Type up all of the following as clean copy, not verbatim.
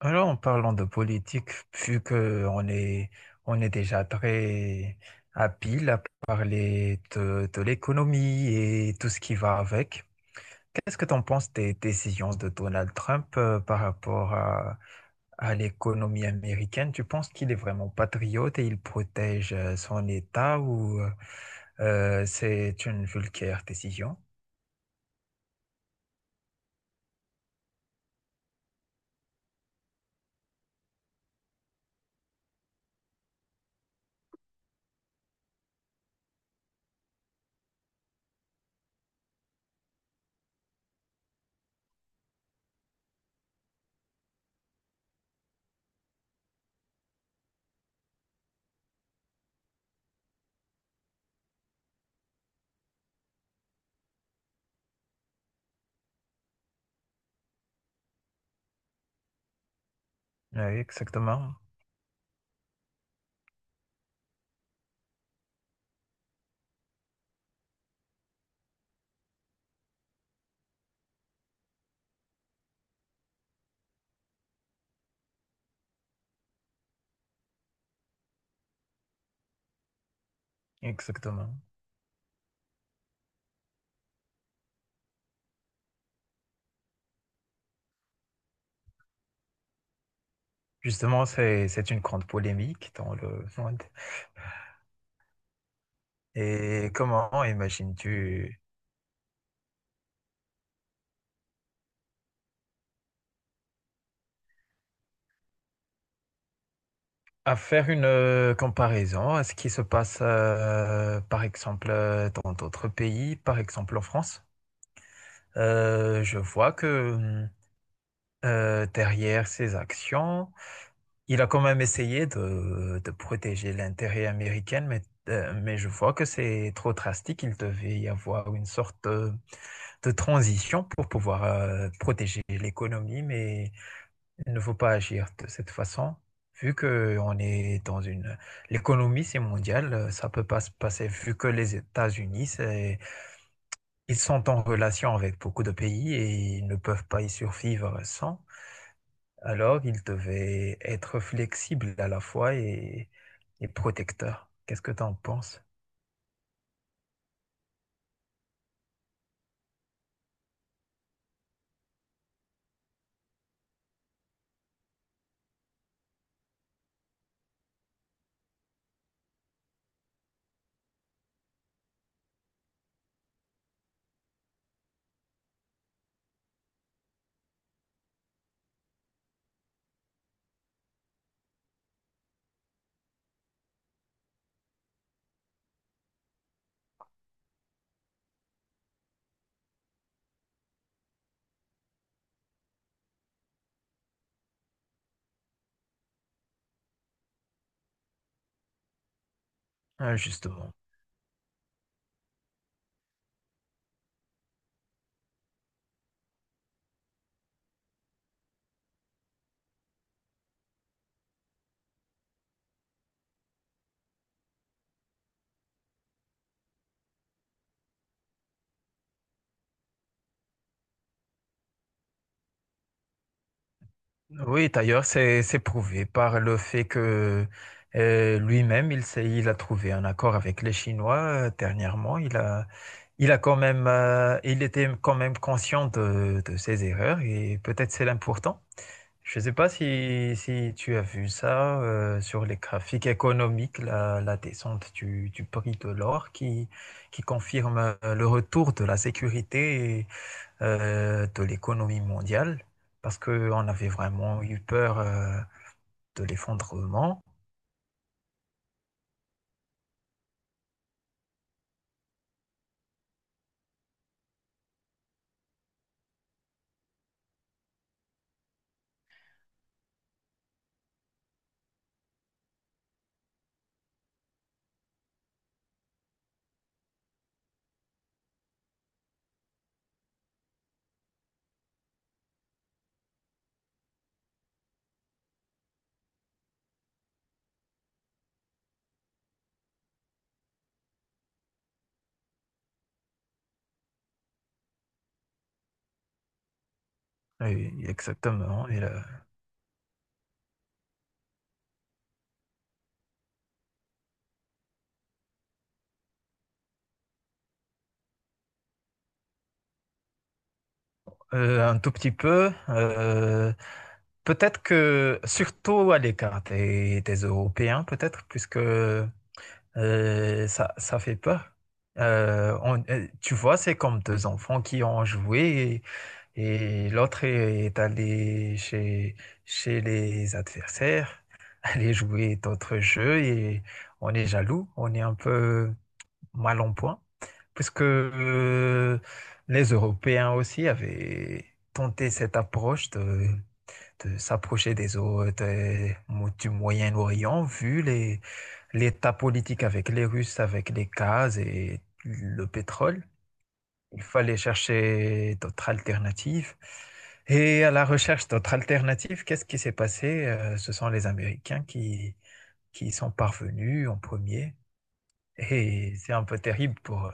Alors, en parlant de politique, vu que on est déjà très habile à parler de l'économie et tout ce qui va avec, qu'est-ce que tu en penses des décisions de Donald Trump par rapport à l'économie américaine? Tu penses qu'il est vraiment patriote et il protège son État ou c'est une vulgaire décision? Oui, exactement, exactement. Justement, c'est une grande polémique dans le monde. Et comment imagines-tu à faire une comparaison à ce qui se passe, par exemple, dans d'autres pays, par exemple en France? Je vois que derrière ses actions, il a quand même essayé de protéger l'intérêt américain, mais je vois que c'est trop drastique. Il devait y avoir une sorte de transition pour pouvoir protéger l'économie, mais il ne faut pas agir de cette façon, vu que on est dans une... L'économie, c'est mondial, ça peut pas se passer, vu que les États-Unis, c'est... ils sont en relation avec beaucoup de pays et ils ne peuvent pas y survivre sans. Alors, ils devaient être flexibles à la fois et protecteurs. Qu'est-ce que tu en penses? Ah, justement. Oui, d'ailleurs, c'est prouvé par le fait que lui-même, il a trouvé un accord avec les Chinois dernièrement. Il a quand même, il était quand même conscient de ses erreurs et peut-être c'est l'important. Je ne sais pas si, si tu as vu ça sur les graphiques économiques, la descente du prix de l'or qui confirme le retour de la sécurité de l'économie mondiale parce qu'on avait vraiment eu peur de l'effondrement. Oui, exactement. Et, un tout petit peu. Peut-être que, surtout à l'écart des Européens, peut-être, puisque ça, ça fait peur. Tu vois, c'est comme deux enfants qui ont joué et l'autre est allé chez, chez les adversaires, aller jouer d'autres jeux et on est jaloux, on est un peu mal en point, puisque les Européens aussi avaient tenté cette approche de s'approcher des autres du Moyen-Orient, vu les, l'état politique avec les Russes, avec les gaz et le pétrole. Il fallait chercher d'autres alternatives. Et à la recherche d'autres alternatives, qu'est-ce qui s'est passé? Ce sont les Américains qui sont parvenus en premier. Et c'est un peu terrible pour eux.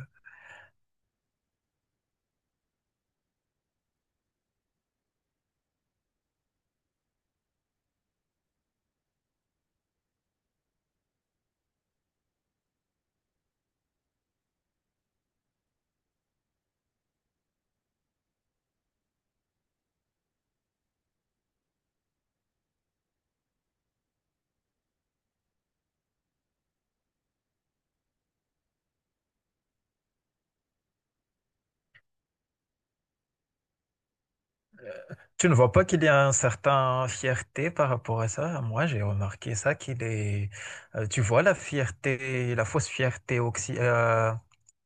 Tu ne vois pas qu'il y a un certain fierté par rapport à ça? Moi, j'ai remarqué ça, qu'il est... tu vois la fierté, la fausse fierté oxy-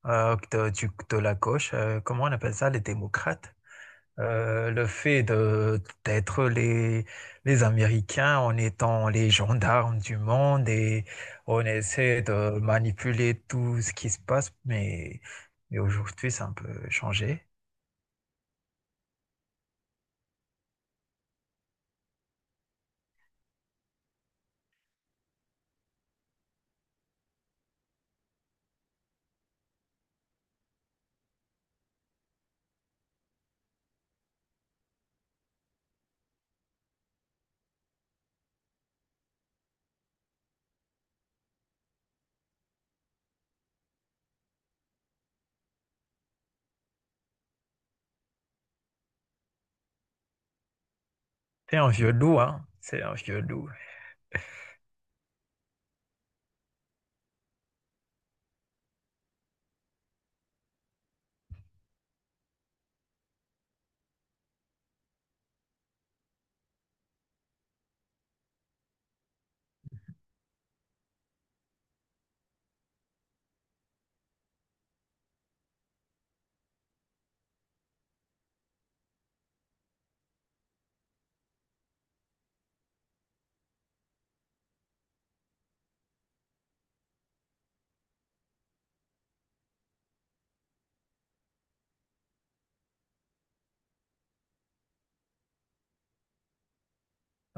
de, de la gauche, comment on appelle ça, les démocrates? Le fait de d'être les Américains en étant les gendarmes du monde et on essaie de manipuler tout ce qui se passe, mais aujourd'hui, c'est un peu changé. C'est un vieux loup, hein? C'est un vieux loup.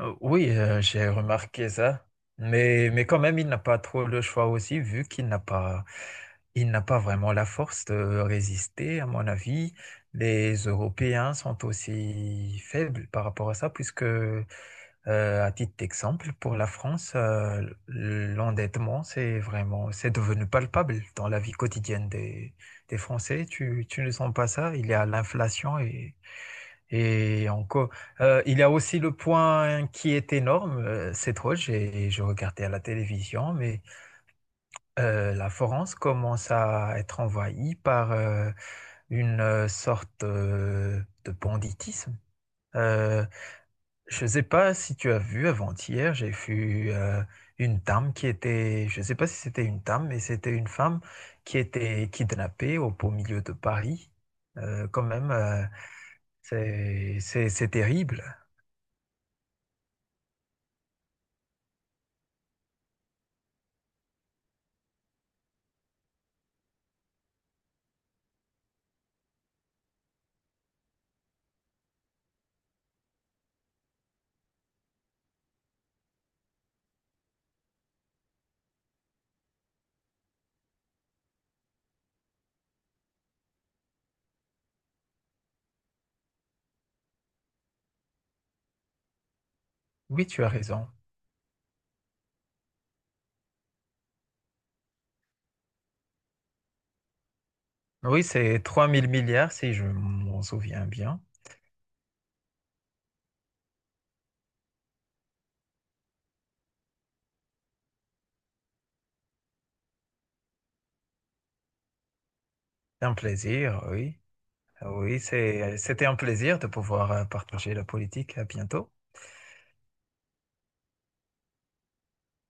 Oui, j'ai remarqué ça, mais quand même, il n'a pas trop le choix aussi, vu qu'il n'a pas, il n'a pas vraiment la force de résister, à mon avis. Les Européens sont aussi faibles par rapport à ça, puisque, à titre d'exemple, pour la France, l'endettement, c'est devenu palpable dans la vie quotidienne des Français. Tu ne sens pas ça? Il y a l'inflation et encore, il y a aussi le point qui est énorme, je regardais à la télévision, mais la France commence à être envahie par une sorte de banditisme. Euh, je ne sais pas si tu as vu avant-hier, j'ai vu une dame qui était, je ne sais pas si c'était une dame, mais c'était une femme qui était kidnappée au beau milieu de Paris. Quand même, c'est terrible. Oui, tu as raison. Oui, c'est 3 000 milliards, si je m'en souviens bien. C'est un plaisir, oui. Oui, c'est, c'était un plaisir de pouvoir partager la politique. À bientôt.